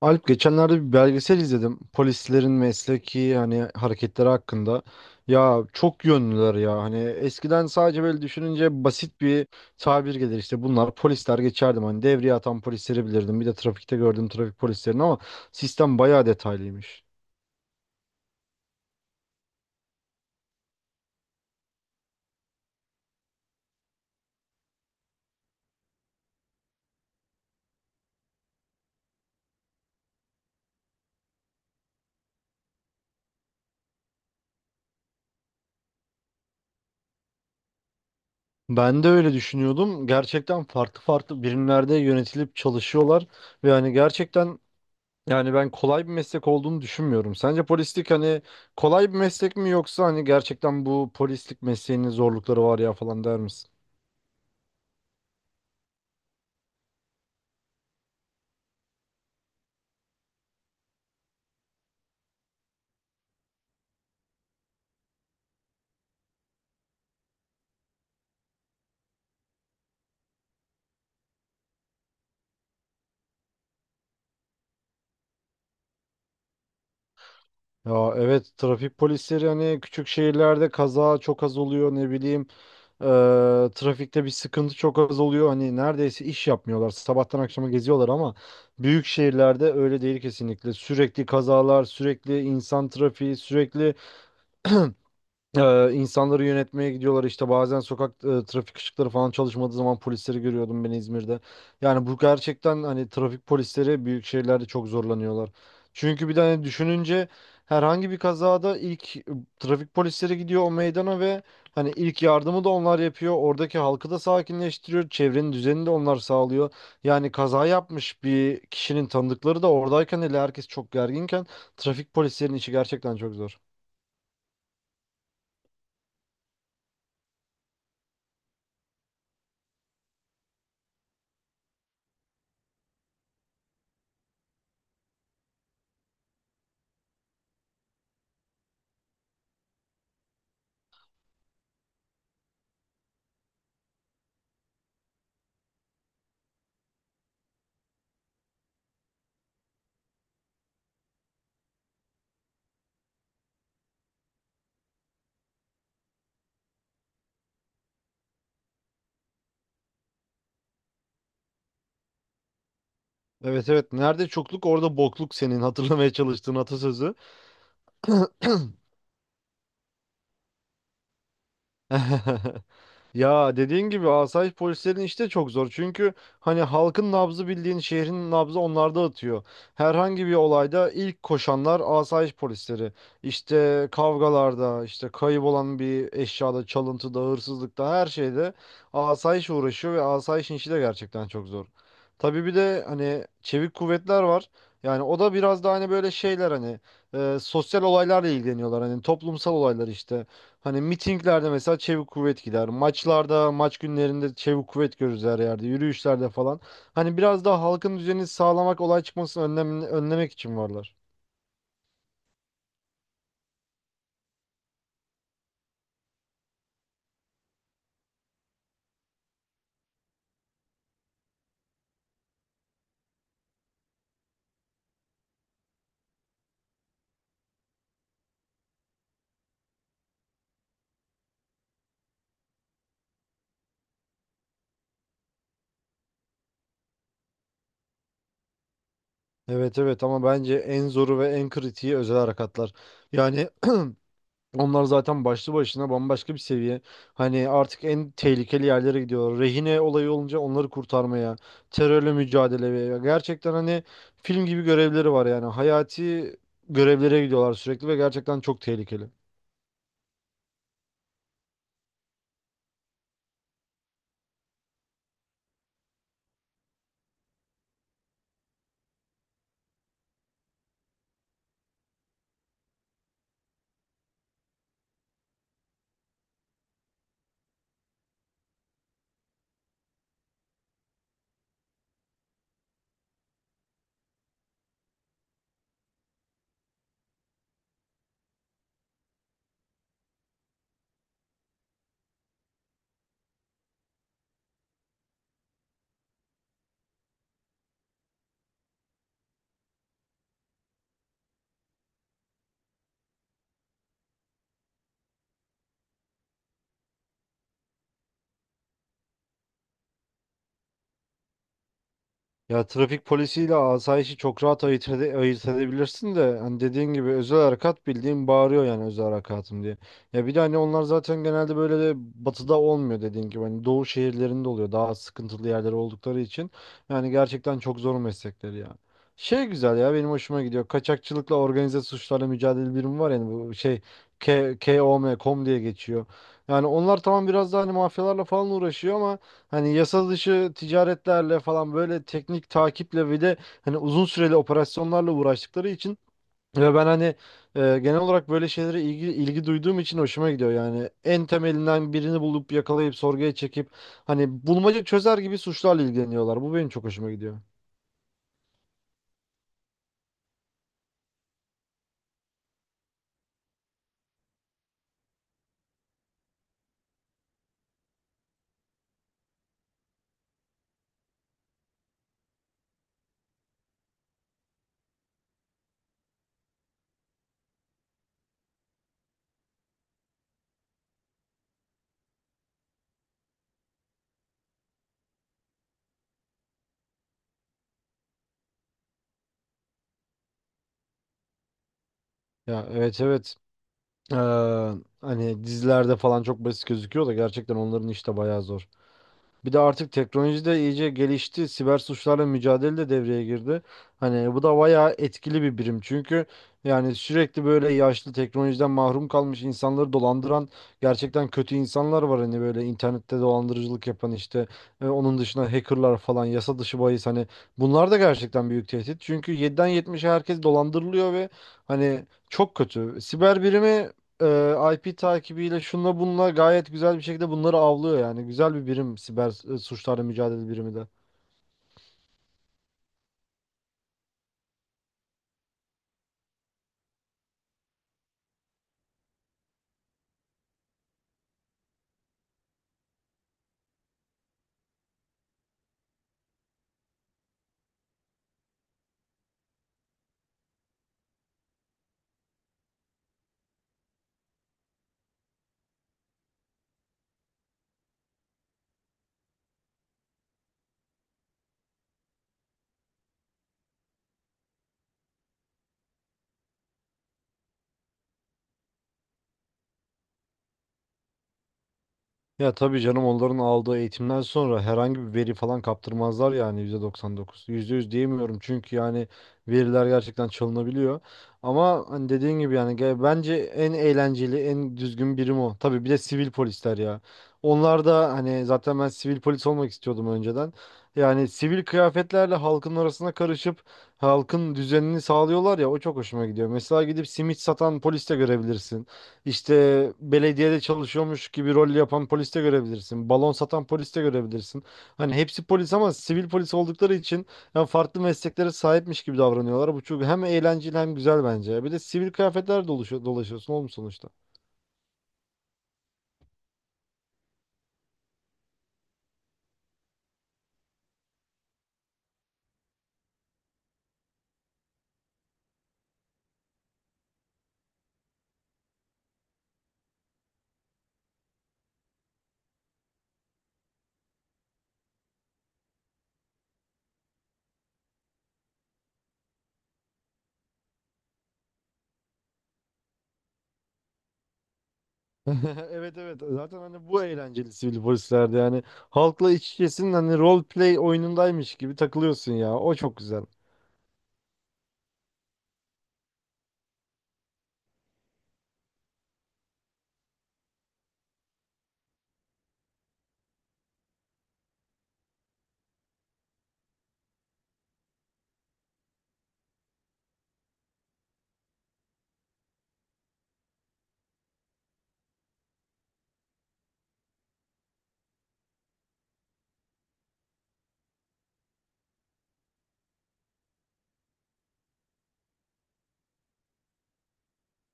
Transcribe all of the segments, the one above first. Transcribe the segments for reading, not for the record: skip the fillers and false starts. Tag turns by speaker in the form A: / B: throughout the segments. A: Alp, geçenlerde bir belgesel izledim. Polislerin mesleki hani hareketleri hakkında. Ya çok yönlüler ya. Hani eskiden sadece böyle düşününce basit bir tabir gelir işte bunlar polisler geçerdim. Hani devriye atan polisleri bilirdim. Bir de trafikte gördüğüm trafik polislerini ama sistem bayağı detaylıymış. Ben de öyle düşünüyordum. Gerçekten farklı farklı birimlerde yönetilip çalışıyorlar ve hani gerçekten. Yani ben kolay bir meslek olduğunu düşünmüyorum. Sence polislik hani kolay bir meslek mi yoksa hani gerçekten bu polislik mesleğinin zorlukları var ya falan der misin? Ya, evet, trafik polisleri hani küçük şehirlerde kaza çok az oluyor, ne bileyim, eee, trafikte bir sıkıntı çok az oluyor, hani neredeyse iş yapmıyorlar, sabahtan akşama geziyorlar ama büyük şehirlerde öyle değil, kesinlikle sürekli kazalar, sürekli insan trafiği, sürekli insanları yönetmeye gidiyorlar. İşte bazen sokak trafik ışıkları falan çalışmadığı zaman polisleri görüyordum ben İzmir'de. Yani bu gerçekten hani trafik polisleri büyük şehirlerde çok zorlanıyorlar. Çünkü bir tane düşününce herhangi bir kazada ilk trafik polisleri gidiyor o meydana ve hani ilk yardımı da onlar yapıyor. Oradaki halkı da sakinleştiriyor. Çevrenin düzenini de onlar sağlıyor. Yani kaza yapmış bir kişinin tanıdıkları da oradayken, hele herkes çok gerginken, trafik polislerinin işi gerçekten çok zor. Evet, evet. Nerede çokluk orada bokluk, senin hatırlamaya çalıştığın atasözü. Ya, dediğin gibi asayiş polislerin işi de çok zor. Çünkü hani halkın nabzı, bildiğin şehrin nabzı onlarda atıyor. Herhangi bir olayda ilk koşanlar asayiş polisleri. İşte kavgalarda, işte kayıp olan bir eşyada, çalıntıda, hırsızlıkta, her şeyde asayiş uğraşıyor ve asayişin işi de gerçekten çok zor. Tabii bir de hani çevik kuvvetler var. Yani o da biraz da hani böyle şeyler hani sosyal olaylarla ilgileniyorlar. Hani toplumsal olaylar işte. Hani mitinglerde mesela çevik kuvvet gider. Maçlarda, maç günlerinde çevik kuvvet görürüz her yerde. Yürüyüşlerde falan. Hani biraz daha halkın düzenini sağlamak, olay çıkmasını önlemek için varlar. Evet, evet, ama bence en zoru ve en kritiği özel harekatlar. Yani onlar zaten başlı başına bambaşka bir seviye. Hani artık en tehlikeli yerlere gidiyorlar. Rehine olayı olunca onları kurtarmaya, terörle mücadeleye. Gerçekten hani film gibi görevleri var yani. Hayati görevlere gidiyorlar sürekli ve gerçekten çok tehlikeli. Ya, trafik polisiyle asayişi çok rahat ayırt edebilirsin de hani dediğin gibi özel harekat bildiğin bağırıyor yani, özel harekatım diye. Ya bir de hani onlar zaten genelde böyle de batıda olmuyor, dediğin gibi hani doğu şehirlerinde oluyor, daha sıkıntılı yerler oldukları için. Yani gerçekten çok zor meslekleri ya. Şey, güzel ya, benim hoşuma gidiyor. Kaçakçılıkla organize suçlarla mücadele birimi var, yani bu şey KOM diye geçiyor. Yani onlar tamam, biraz daha hani mafyalarla falan uğraşıyor ama hani yasa dışı ticaretlerle falan, böyle teknik takiple ve de hani uzun süreli operasyonlarla uğraştıkları için ve ben hani genel olarak böyle şeylere ilgi duyduğum için hoşuma gidiyor yani. En temelinden birini bulup yakalayıp sorguya çekip, hani bulmaca çözer gibi suçlarla ilgileniyorlar. Bu benim çok hoşuma gidiyor. Ya evet, evet. Ee, hani dizilerde falan çok basit gözüküyor da gerçekten onların işi de bayağı zor. Bir de artık teknoloji de iyice gelişti. Siber suçlarla mücadele de devreye girdi. Hani bu da bayağı etkili bir birim. Çünkü yani sürekli böyle yaşlı, teknolojiden mahrum kalmış insanları dolandıran gerçekten kötü insanlar var. Hani böyle internette dolandırıcılık yapan, işte onun dışında hackerlar falan, yasa dışı bahis, hani bunlar da gerçekten büyük tehdit. Çünkü 7'den 70'e herkes dolandırılıyor ve hani çok kötü. Siber birimi IP takibiyle, şunla bununla gayet güzel bir şekilde bunları avlıyor yani. Güzel bir birim siber suçlarla mücadele birimi de. Ya tabii canım, onların aldığı eğitimden sonra herhangi bir veri falan kaptırmazlar yani %99. %100 diyemiyorum çünkü yani veriler gerçekten çalınabiliyor. Ama hani dediğin gibi yani bence en eğlenceli, en düzgün birim o. Tabii bir de sivil polisler ya. Onlar da hani, zaten ben sivil polis olmak istiyordum önceden. Yani sivil kıyafetlerle halkın arasına karışıp halkın düzenini sağlıyorlar ya, o çok hoşuma gidiyor. Mesela gidip simit satan polis de görebilirsin. İşte belediyede çalışıyormuş gibi rol yapan polis de görebilirsin. Balon satan polis de görebilirsin. Hani hepsi polis ama sivil polis oldukları için ya farklı mesleklere sahipmiş gibi davranıyorlar. Bu çok hem eğlenceli hem güzel bence. Bir de sivil kıyafetler dolaşıyorsun oğlum sonuçta. Evet, evet, zaten hani bu eğlenceli sivil polislerde yani halkla iç içesin, hani role play oyunundaymış gibi takılıyorsun ya, o çok güzel.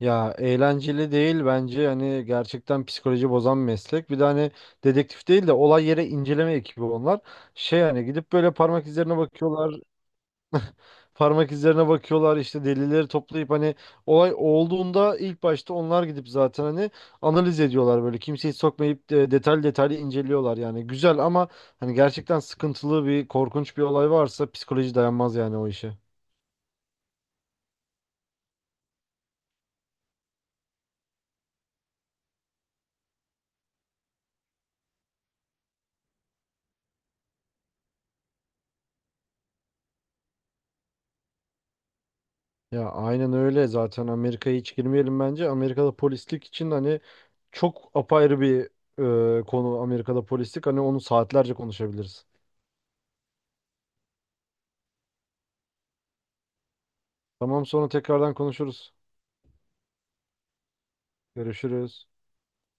A: Ya, eğlenceli değil bence, hani gerçekten psikoloji bozan meslek. Bir de hani dedektif değil de olay yere inceleme ekibi onlar. Şey, hani gidip böyle parmak izlerine bakıyorlar, işte delilleri toplayıp, hani olay olduğunda ilk başta onlar gidip zaten hani analiz ediyorlar, böyle kimseyi sokmayıp de detaylı detaylı inceliyorlar yani. Güzel ama hani gerçekten sıkıntılı bir, korkunç bir olay varsa psikoloji dayanmaz yani o işe. Ya aynen öyle, zaten Amerika'ya hiç girmeyelim bence. Amerika'da polislik için hani çok apayrı bir konu Amerika'da polislik. Hani onu saatlerce konuşabiliriz. Tamam, sonra tekrardan konuşuruz. Görüşürüz.